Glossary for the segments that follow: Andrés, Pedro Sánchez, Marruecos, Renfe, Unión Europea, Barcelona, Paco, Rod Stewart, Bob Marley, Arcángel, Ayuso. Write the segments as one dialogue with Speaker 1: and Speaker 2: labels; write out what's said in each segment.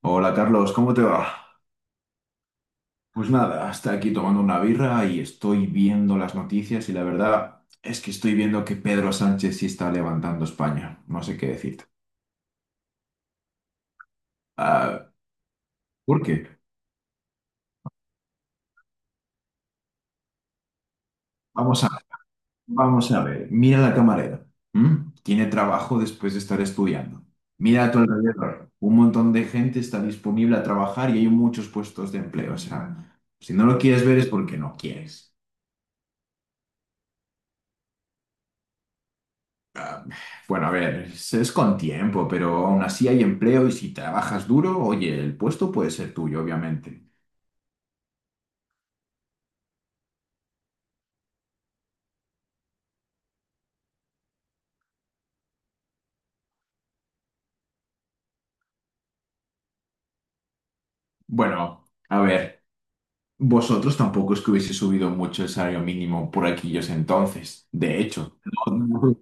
Speaker 1: Hola Carlos, ¿cómo te va? Pues nada, hasta aquí tomando una birra y estoy viendo las noticias y la verdad es que estoy viendo que Pedro Sánchez sí está levantando España. No sé qué decirte. Ah, ¿por qué? Vamos a, vamos a ver. Mira la camarera. ¿M? Tiene trabajo después de estar estudiando. Mira a tu alrededor. Un montón de gente está disponible a trabajar y hay muchos puestos de empleo. O sea, si no lo quieres ver es porque no quieres. Ah, bueno, a ver, es con tiempo, pero aún así hay empleo y si trabajas duro, oye, el puesto puede ser tuyo, obviamente. Bueno, a ver, vosotros tampoco es que hubiese subido mucho el salario mínimo por aquellos entonces. De hecho, no, no-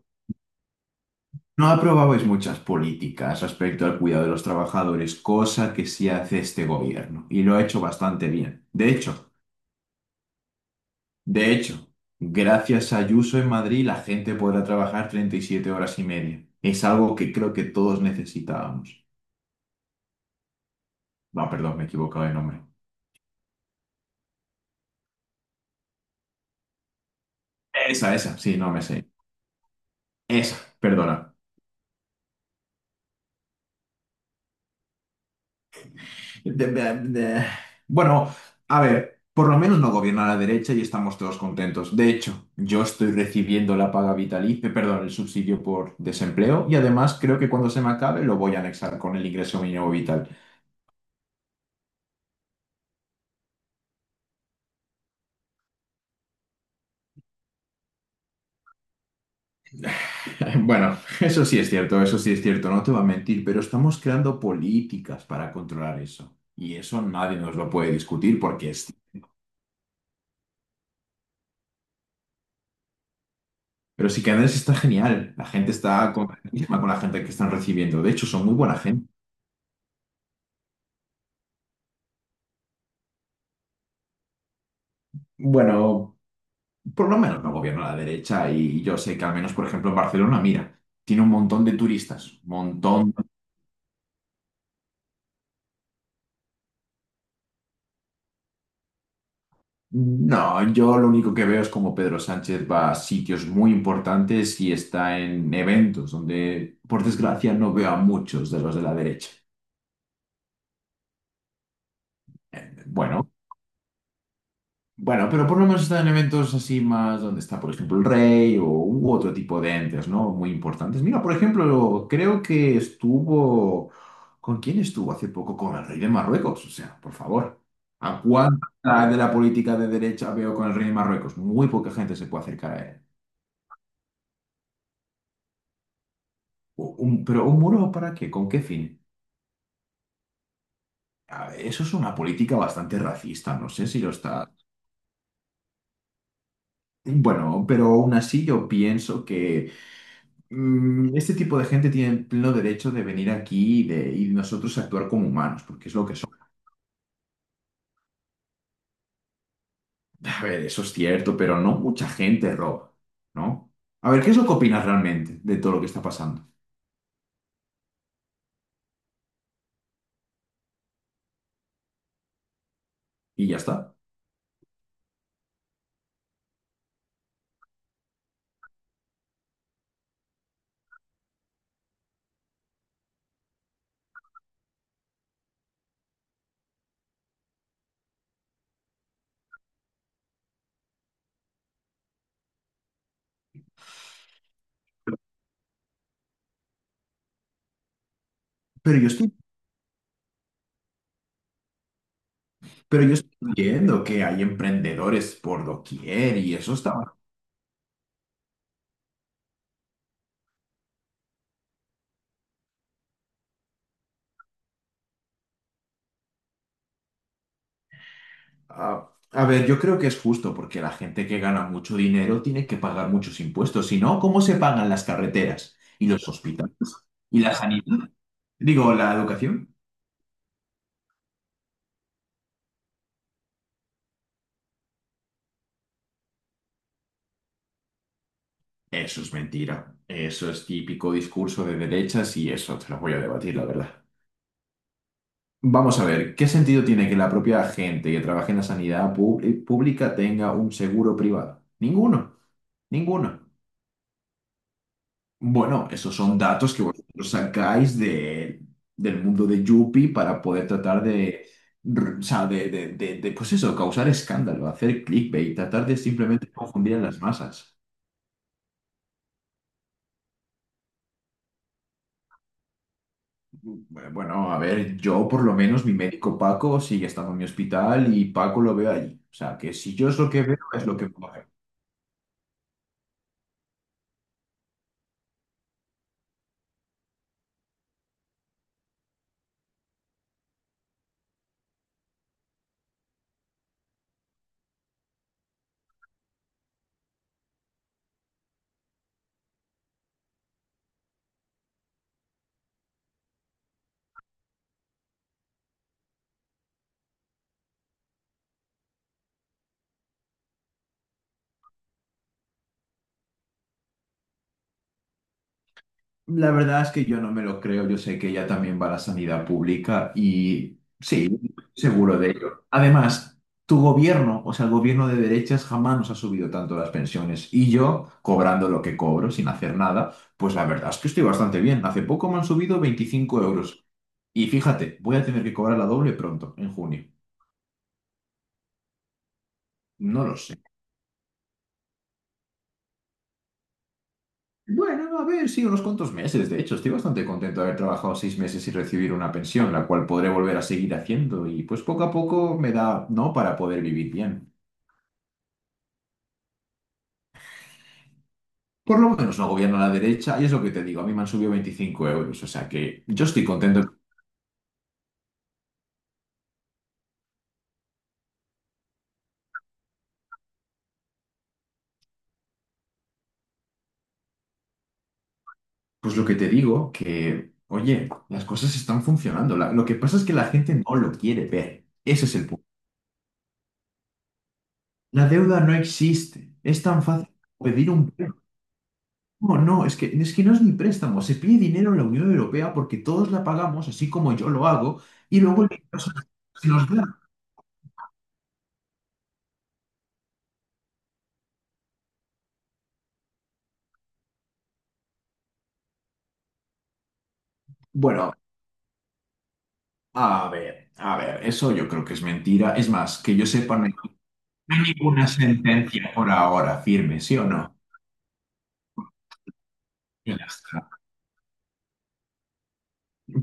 Speaker 1: no aprobabais muchas políticas respecto al cuidado de los trabajadores, cosa que sí hace este gobierno y lo ha hecho bastante bien. De hecho, gracias a Ayuso en Madrid, la gente podrá trabajar 37 horas y media. Es algo que creo que todos necesitábamos. No, perdón, me he equivocado de nombre. Esa, sí, no me sé. Esa, perdona. De- de- de- Bueno, a ver, por lo menos no gobierna la derecha y estamos todos contentos. De hecho, yo estoy recibiendo la paga vitalicia, perdón, el subsidio por desempleo y además creo que cuando se me acabe lo voy a anexar con el ingreso mínimo vital. Bueno, eso sí es cierto, eso sí es cierto, no te voy a mentir, pero estamos creando políticas para controlar eso. Y eso nadie nos lo puede discutir porque es... Pero sí que Andrés está genial, la gente está contentísima con la gente que están recibiendo, de hecho son muy buena gente. Bueno, por lo menos no gobierna la derecha y yo sé que al menos, por ejemplo, en Barcelona, mira, tiene un montón de turistas, un montón. No, yo lo único que veo es como Pedro Sánchez va a sitios muy importantes y está en eventos donde, por desgracia, no veo a muchos de los de la derecha. Bueno, bueno, pero por lo menos está en eventos así más donde está, por ejemplo, el rey o u otro tipo de entes, ¿no? Muy importantes. Mira, por ejemplo, creo que estuvo... ¿Con quién estuvo hace poco? Con el rey de Marruecos. O sea, por favor. ¿A cuánta de la política de derecha veo con el rey de Marruecos? Muy poca gente se puede acercar a él. Pero ¿un muro para qué? ¿Con qué fin? A ver, eso es una política bastante racista, no sé si lo está. Bueno, pero aún así yo pienso que este tipo de gente tiene el pleno derecho de venir aquí y, de, y nosotros actuar como humanos, porque es lo que son. A ver, eso es cierto, pero no mucha gente roba, ¿no? A ver, ¿qué es lo que opinas realmente de todo lo que está pasando? Y ya está. Pero yo estoy, pero yo estoy viendo que hay emprendedores por doquier y eso está. Ah, a ver, yo creo que es justo porque la gente que gana mucho dinero tiene que pagar muchos impuestos. Si no, ¿cómo se pagan las carreteras y los hospitales y la sanidad? Digo, la educación. Eso es mentira. Eso es típico discurso de derechas y eso te lo voy a debatir, la verdad. Vamos a ver, ¿qué sentido tiene que la propia gente que trabaja en la sanidad pública tenga un seguro privado? Ninguno, ninguno. Bueno, esos son datos que vosotros sacáis del mundo de Yuppie para poder tratar de, o sea, pues eso, causar escándalo, hacer clickbait, tratar de simplemente confundir a las masas. Bueno, bueno, a ver, yo por lo menos, mi médico Paco sigue estando en mi hospital y Paco lo veo allí. O sea, que si yo es lo que veo, es lo que veo. La verdad es que yo no me lo creo, yo sé que ella también va a la sanidad pública y sí, seguro de ello. Además, tu gobierno, o sea, el gobierno de derechas jamás nos ha subido tanto las pensiones y yo, cobrando lo que cobro sin hacer nada, pues la verdad es que estoy bastante bien. Hace poco me han subido 25 euros y fíjate, voy a tener que cobrar la doble pronto, en junio. No lo sé. Bueno, no, a ver, sí, unos cuantos meses. De hecho, estoy bastante contento de haber trabajado 6 meses y recibir una pensión, la cual podré volver a seguir haciendo y pues poco a poco me da, ¿no? Para poder vivir bien. Por lo menos no gobierno a la derecha y es lo que te digo, a mí me han subido 25 euros, o sea que yo estoy contento. Pues lo que te digo, que, oye, las cosas están funcionando. Lo que pasa es que la gente no lo quiere ver. Ese es el punto. La deuda no existe. Es tan fácil como pedir un... No, no, es que, no es ni préstamo. Se pide dinero en la Unión Europea porque todos la pagamos, así como yo lo hago, y luego el dinero se nos da. Bueno, a ver, eso yo creo que es mentira. Es más, que yo sepa, no hay ninguna sentencia por ahora firme, ¿sí o no? Y ya está.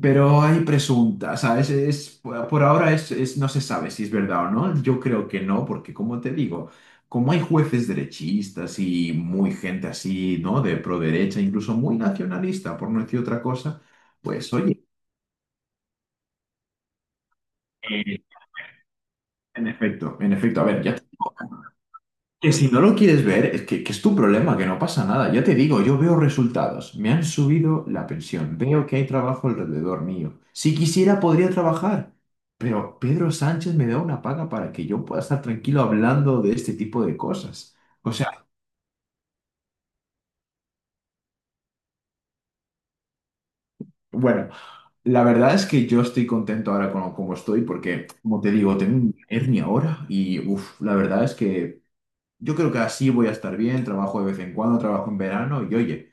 Speaker 1: Pero hay presuntas, ¿sabes? Es, por ahora no se sabe si es verdad o no. Yo creo que no, porque como te digo, como hay jueces derechistas y muy gente así, ¿no? De pro derecha, incluso muy nacionalista, por no decir otra cosa, pues oye, eh, en efecto, a ver, ya. Que si no lo quieres ver, es que, es tu problema, que no pasa nada. Ya te digo, yo veo resultados. Me han subido la pensión. Veo que hay trabajo alrededor mío. Si quisiera, podría trabajar. Pero Pedro Sánchez me da una paga para que yo pueda estar tranquilo hablando de este tipo de cosas. O sea, bueno, la verdad es que yo estoy contento ahora con como estoy porque, como te digo, tengo una hernia ahora y, uff, la verdad es que yo creo que así voy a estar bien. Trabajo de vez en cuando, trabajo en verano y, oye.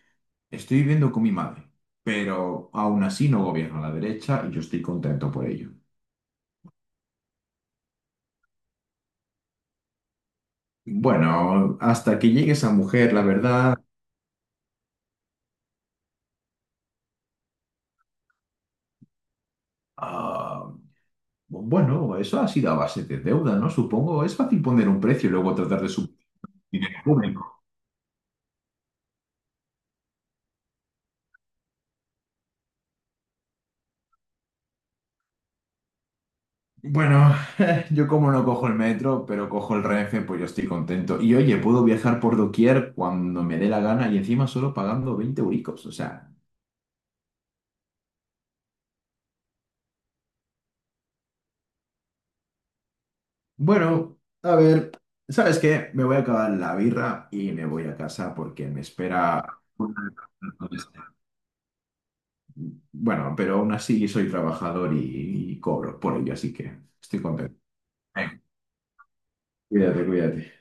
Speaker 1: Estoy viviendo con mi madre, pero aún así no gobierna la derecha y yo estoy contento por ello. Bueno, hasta que llegue esa mujer, la verdad, ah, bueno, eso ha sido a base de deuda, ¿no? Supongo, es fácil poner un precio y luego tratar de subir dinero público. Bueno, yo como no cojo el metro, pero cojo el Renfe, pues yo estoy contento. Y oye, puedo viajar por doquier cuando me dé la gana y encima solo pagando 20 euricos, o sea... Bueno, a ver, ¿sabes qué? Me voy a acabar la birra y me voy a casa porque me espera... una- Bueno, pero aún así soy trabajador y, cobro por ello, así que estoy contento. Venga, cuídate, cuídate.